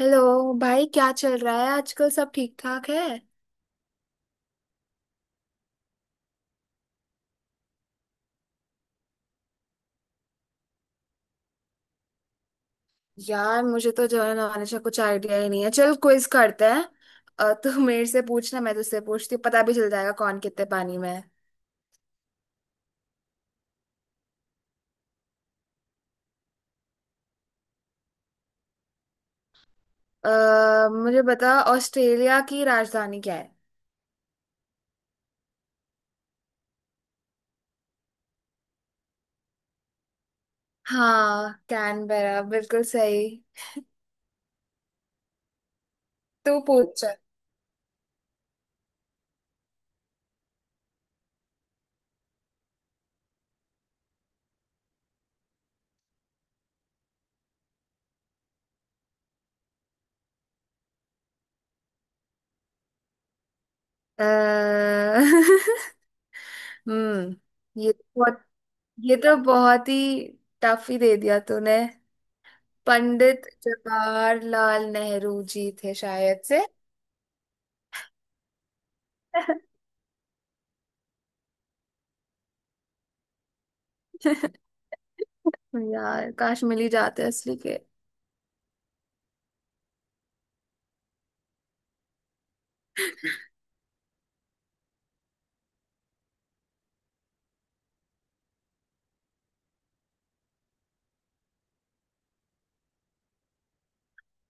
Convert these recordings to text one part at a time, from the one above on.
Hello. भाई, क्या चल रहा है आजकल? सब ठीक ठाक है? यार, मुझे तो जो है ना, हमेशा कुछ आइडिया ही नहीं है। चल, क्विज करते हैं। तू मेरे से पूछना, मैं तुझसे पूछती हूँ। पता भी चल जाएगा कौन कितने पानी में है। मुझे बता, ऑस्ट्रेलिया की राजधानी क्या है? हाँ, कैनबेरा। बिल्कुल सही। तू पूछ, चल। अ, हम्म। ये तो बहुत ये तो बहुत ही टफ ही दे दिया तूने। पंडित जवाहरलाल नेहरू जी थे शायद से। यार, काश मिल ही जाते असली के।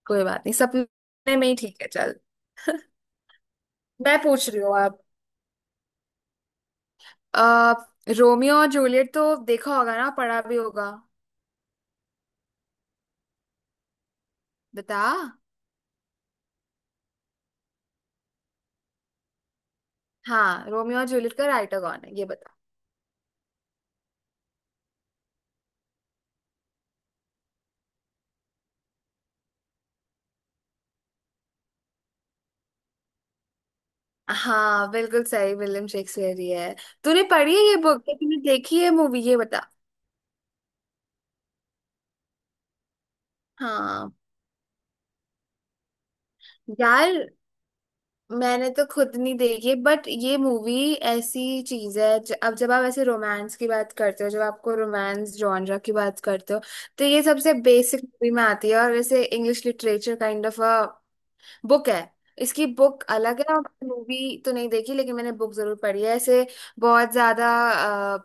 कोई बात नहीं, सपने में ही ठीक है। चल। मैं पूछ रही हूँ अब। आ, रोमियो और जूलियट तो देखा होगा ना, पढ़ा भी होगा? बता। हाँ, रोमियो और जूलियट का राइटर कौन है, ये बता। हाँ, बिल्कुल सही। विलियम शेक्सपियर ही है। तूने पढ़ी है ये बुक? तूने देखी है मूवी? ये बता। हाँ यार, मैंने तो खुद नहीं देखी, बट ये मूवी ऐसी चीज है, अब जब आप ऐसे रोमांस की बात करते हो, जब आपको रोमांस जॉनरा की बात करते हो, तो ये सबसे बेसिक मूवी में आती है, और वैसे English literature kind of a book है। इसकी बुक अलग है, और मूवी तो नहीं देखी, लेकिन मैंने बुक जरूर पढ़ी है। ऐसे बहुत ज्यादा अ,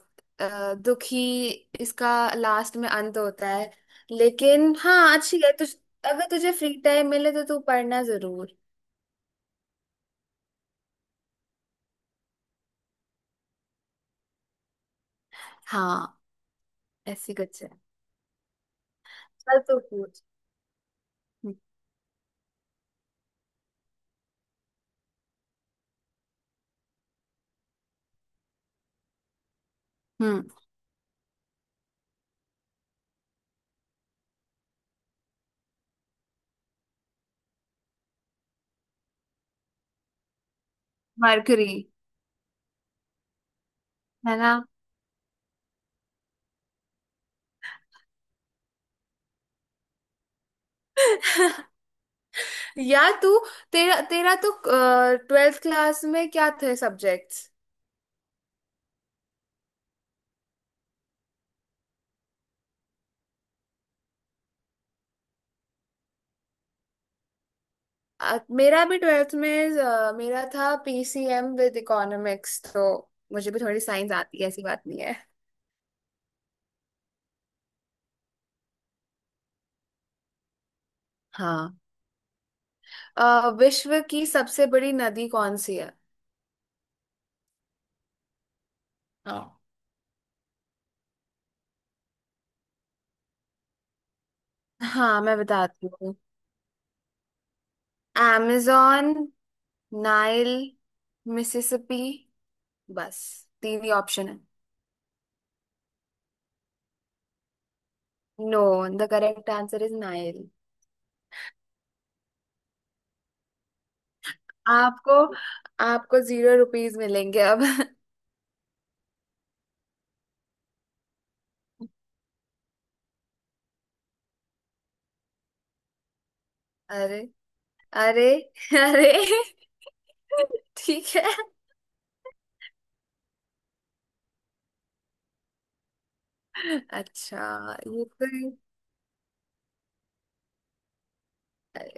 अ, दुखी इसका लास्ट में अंत होता है। लेकिन हाँ, अच्छी है। तुझ अगर तुझे फ्री टाइम मिले तो तू पढ़ना जरूर। हाँ, ऐसी कुछ है। चल, तू पूछ। हम्म। मरकरी, है ना? यार तू, तेरा तेरा तो ट्वेल्थ क्लास में क्या थे सब्जेक्ट्स? मेरा भी ट्वेल्थ में मेरा था PCM विद इकोनॉमिक्स, तो मुझे भी थोड़ी साइंस आती है, ऐसी बात नहीं है। हाँ, विश्व की सबसे बड़ी नदी कौन सी है? हाँ हाँ, मैं बताती हूँ। amazon, Nile, Mississippi. बस तीन ही ऑप्शन है। No, the correct answer is Nile. आपको आपको जीरो रुपीज मिलेंगे अब। अरे! अरे! अरे, ठीक है। अच्छा, ये तो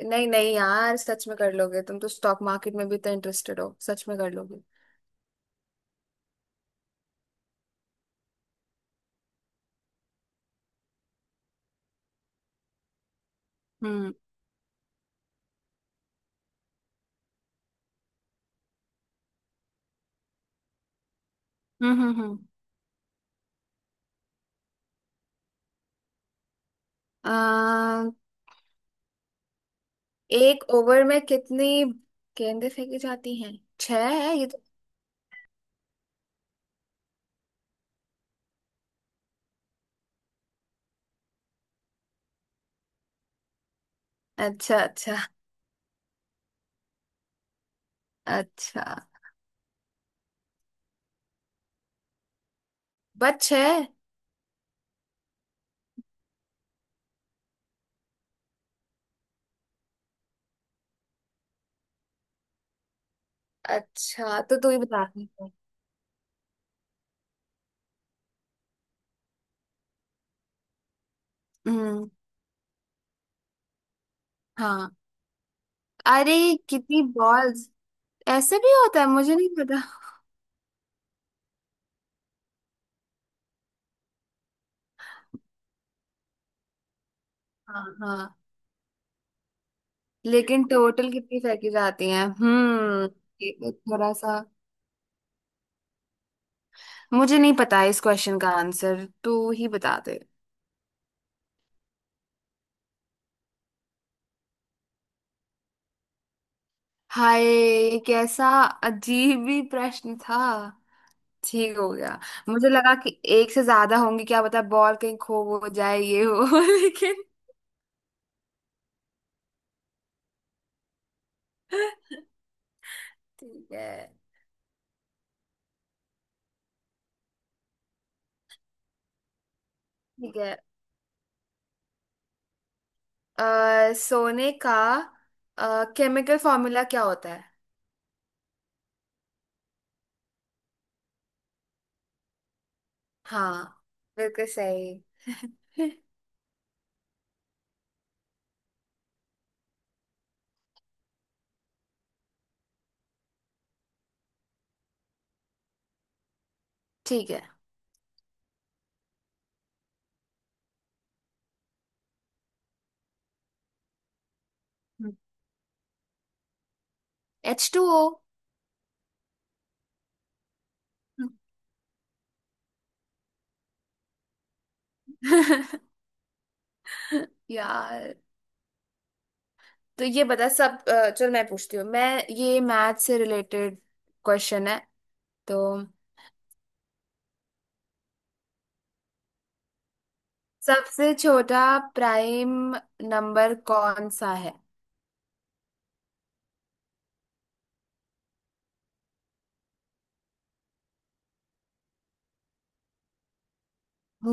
नहीं नहीं यार, सच में कर लोगे तुम तो। स्टॉक मार्केट में भी इतना इंटरेस्टेड हो, सच में कर लोगे। हम्म, हम्म, हम्म, अम, एक ओवर में कितनी गेंदें फेंकी जाती हैं? छह है ये तो। अच्छा, अच्छा, अच्छा। बस छह। अच्छा, तो तू ही बता रही है। हम्म। हाँ। अरे, कितनी बॉल्स! ऐसे भी होता है, मुझे नहीं पता। हाँ हाँ, लेकिन टोटल कितनी फेंकी जाती हैं? हम्म। ये तो थोड़ा सा मुझे नहीं पता है। इस क्वेश्चन का आंसर तू ही बता दे। हाय, ये कैसा अजीब ही प्रश्न था! ठीक, हो गया। मुझे लगा कि एक से ज्यादा होंगी, क्या पता बॉल कहीं खो हो जाए, ये हो। लेकिन ठीक है, ठीक है। अ, सोने का केमिकल फॉर्मूला क्या होता है? हाँ, बिल्कुल सही। ठीक है। हम्म। H2O। हम्म। यार, तो ये बता सब। चल, मैं पूछती हूँ। मैं ये मैथ से रिलेटेड क्वेश्चन है, तो सबसे छोटा प्राइम नंबर कौन सा है?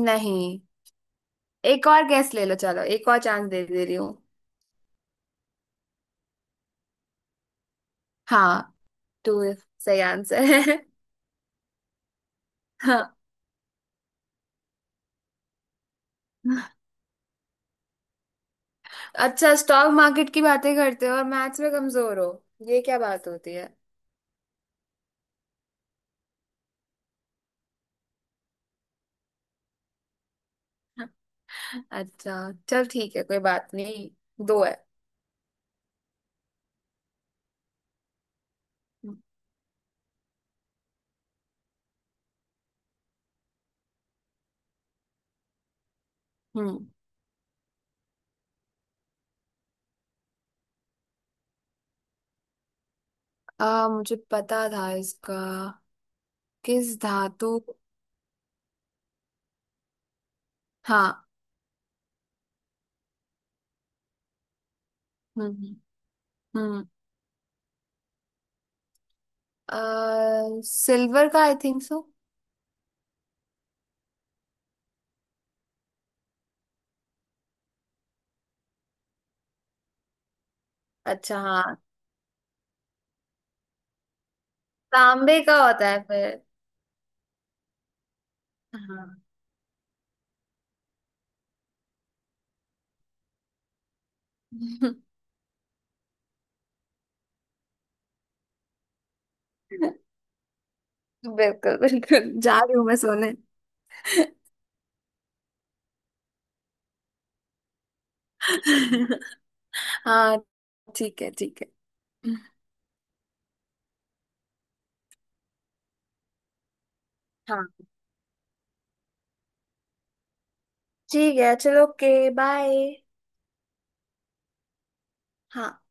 नहीं, एक और गैस ले लो। चलो, एक और चांस दे दे रही हूँ। हाँ, टू। सही आंसर है। हाँ। अच्छा, स्टॉक मार्केट की बातें करते हो और मैथ्स में कमजोर हो? ये क्या बात होती है? अच्छा, चल ठीक है, कोई बात नहीं। दो है। हम्म। मुझे पता था इसका। किस धातु? हाँ। हम्म, हम्म, सिल्वर का, आई थिंक सो। अच्छा हाँ, तांबे का होता है फिर। हाँ। बिल्कुल बिल्कुल, जा रही हूँ मैं सोने। हाँ, ठीक है, ठीक है। हाँ, ठीक है। चलो, ओके, बाय। हाँ।